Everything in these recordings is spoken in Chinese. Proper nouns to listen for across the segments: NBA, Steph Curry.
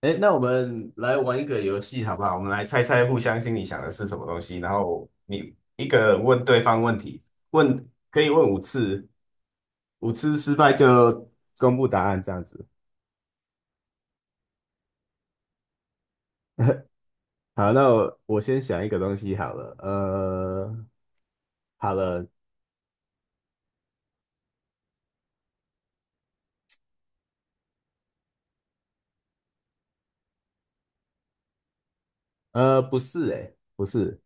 哎，那我们来玩一个游戏好不好？我们来猜猜互相心里想的是什么东西，然后你一个人问对方问题，问可以问五次，五次失败就公布答案这样子。好，那我先想一个东西好了，好了，不是、欸，哎，不是，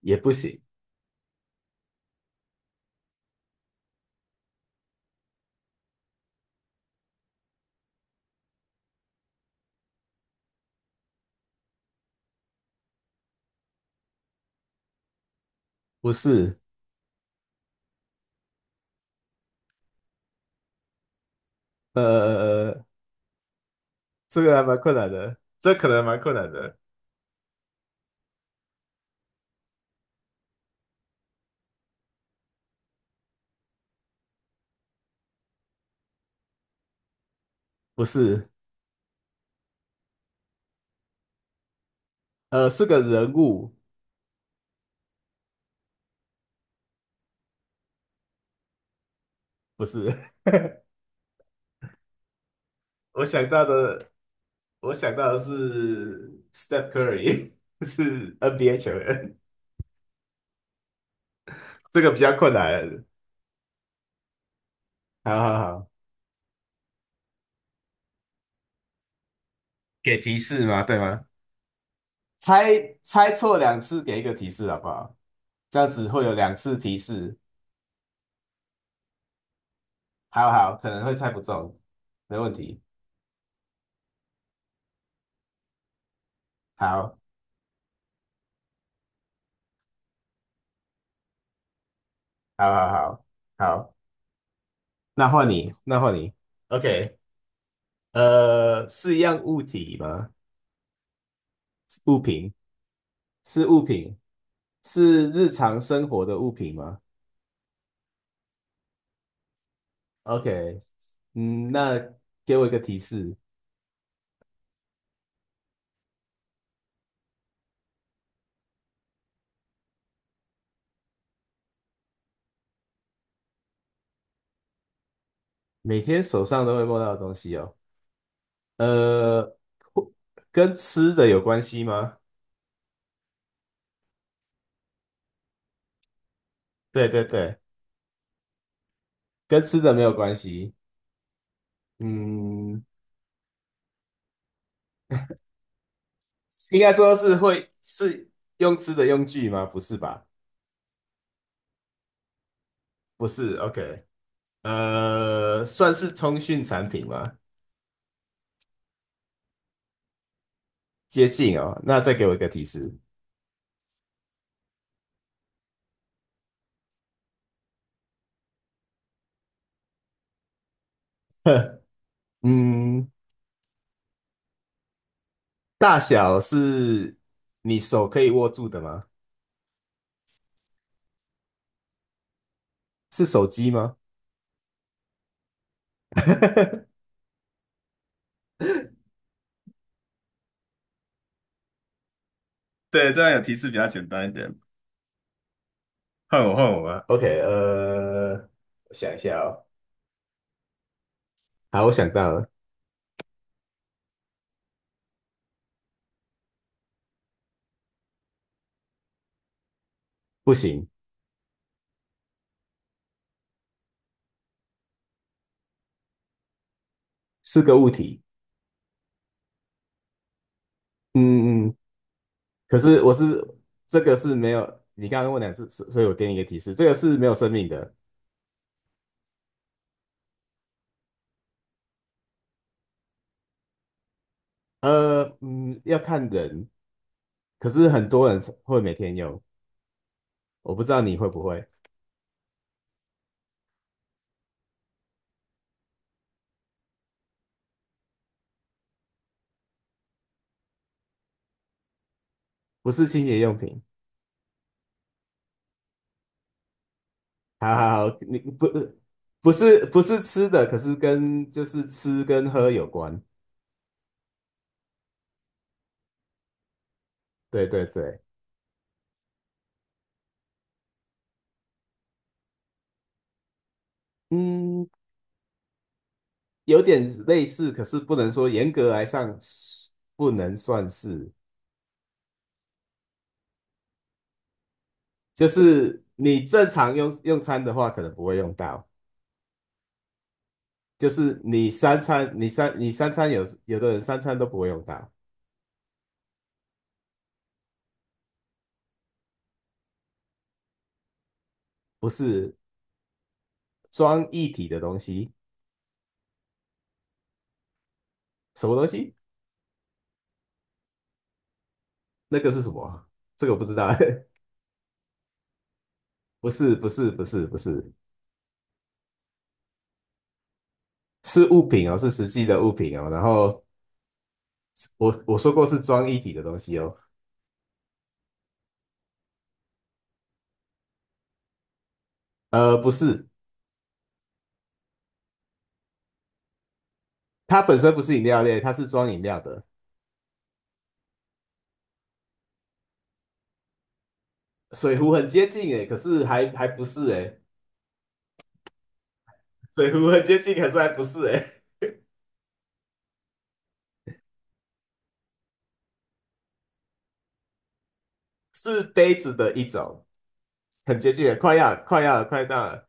也不行，不是，呃，这个还蛮困难的，这可能蛮困难的，不是，是个人物，不是，我想到的。我想到的是 Steph Curry，是 NBA 球员，这个比较困难。好好好，给提示吗？对吗？猜错两次，给一个提示好不好？这样子会有两次提示。好好，可能会猜不中，没问题。好，好好好好，那换你，那换你。OK，是一样物体吗？物品，是物品，是日常生活的物品吗？OK，嗯，那给我一个提示，每天手上都会摸到的东西哦，呃，或跟吃的有关系吗？对对对，跟吃的没有关系，嗯，应该说是会是用吃的用具吗？不是吧？不是，OK，算是通讯产品吗？接近哦，那再给我一个提示，嗯，大小是你手可以握住的吗？是手机吗？对，这样有提示比较简单一点。换我，换我吧。OK，我想一下哦。好，我想到了，不行，是个物体。嗯嗯，可是我是这个是没有，你刚刚问两次，所以我给你一个提示，这个是没有生命的。嗯，要看人，可是很多人会每天用，我不知道你会不会，不是清洁用品。好好好，你不不是不是吃的，可是跟就是吃跟喝有关。对对对，嗯，有点类似，可是不能说严格来上不能算是，就是你正常用餐的话，可能不会用到，就是你三餐，你三餐有有的人三餐都不会用到，不是装一体的东西，什么东西？那个是什么啊，这个我不知道，不是不是不是不是，是物品哦，是实际的物品哦。然后我说过是装一体的东西哦，不是，它本身不是饮料类，它是装饮料的。水壶很接近诶，可是还不是诶，水壶很接近，可是还不是诶，是杯子的一种，很接近了，快要了快要了快到了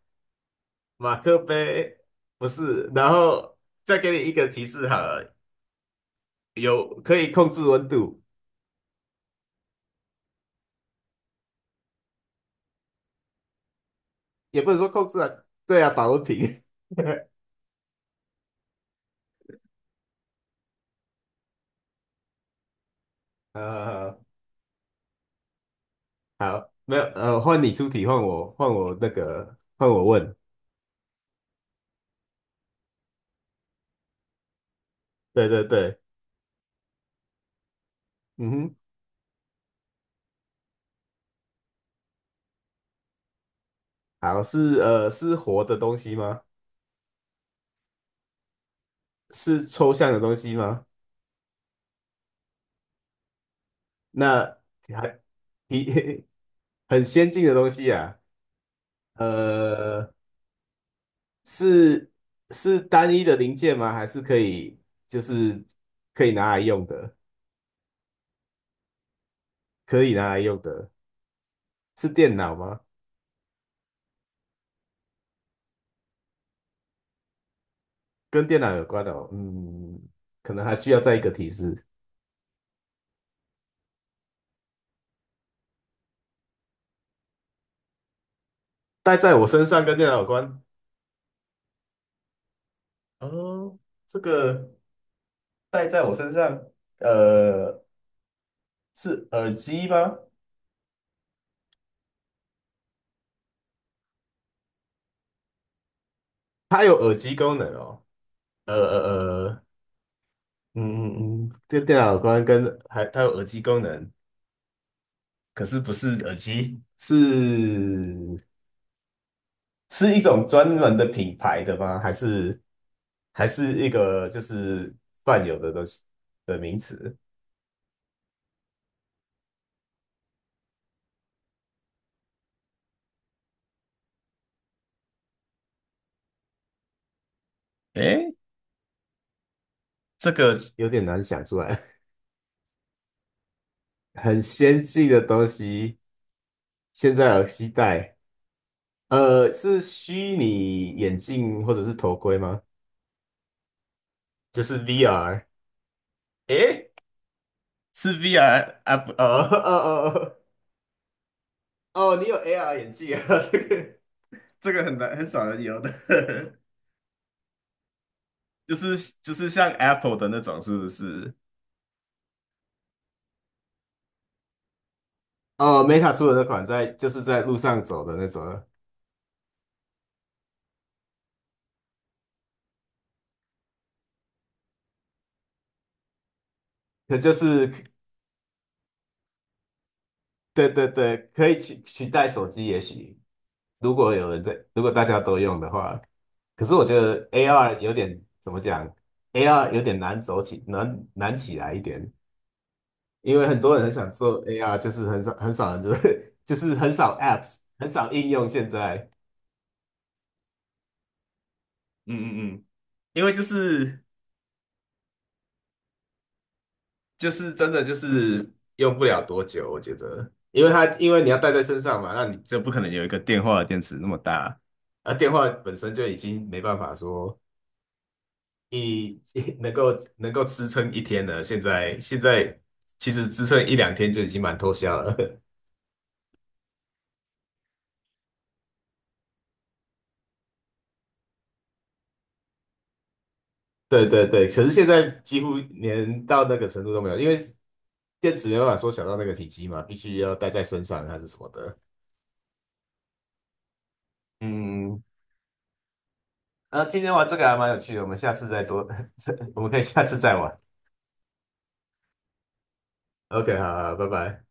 马克杯不是，然后再给你一个提示好了，有可以控制温度，也不能说控制啊，对啊，保温瓶，呃，好，没有，换你出题，换我，换我那个，换我问，对对对，嗯哼，好，是是活的东西吗？是抽象的东西吗？那还提 很先进的东西啊，呃，是是单一的零件吗？还是可以就是可以拿来用的？可以拿来用的是电脑吗？跟电脑有关的哦，嗯，可能还需要再一个提示。戴在我身上跟电脑有关哦，这个戴在我身上，呃，是耳机吗？它有耳机功能哦，呃呃呃嗯嗯嗯，这电脑光跟还它有耳机功能，可是不是耳机，是一种专门的品牌的吗？还是还是一个就是泛有的东西的名词？诶，这个有点难想出来，很先进的东西，现在耳机待。是虚拟眼镜或者是头盔吗？就是 VR。诶是 VR 啊不哦 哦哦，哦，你有 AR 眼镜啊？这个这个很难很少人有的，就是像 Apple 的那种，是不是？哦，Meta 出的那款在就是在路上走的那种啊，可就是对对对，可以取代手机，也许如果有人在，如果大家都用的话，可是我觉得 AR 有点怎么讲，AR 有点难走起，难起来一点，因为很多人很想做 AR，很少人就是 就是很少 apps，很少应用现在。嗯嗯嗯，因为就是真的就是用不了多久，我觉得，因为你要带在身上嘛，那你就不可能有一个电话的电池那么大，而电话本身就已经没办法说一 能够支撑1天了，现在其实支撑1两天就已经蛮脱销了。对对对，可是现在几乎连到那个程度都没有，因为电池没办法缩小到那个体积嘛，必须要带在身上还是什么的。嗯，嗯嗯啊，今天玩这个还蛮有趣的，我们下次再多，我们可以下次再玩。OK，好好，拜拜。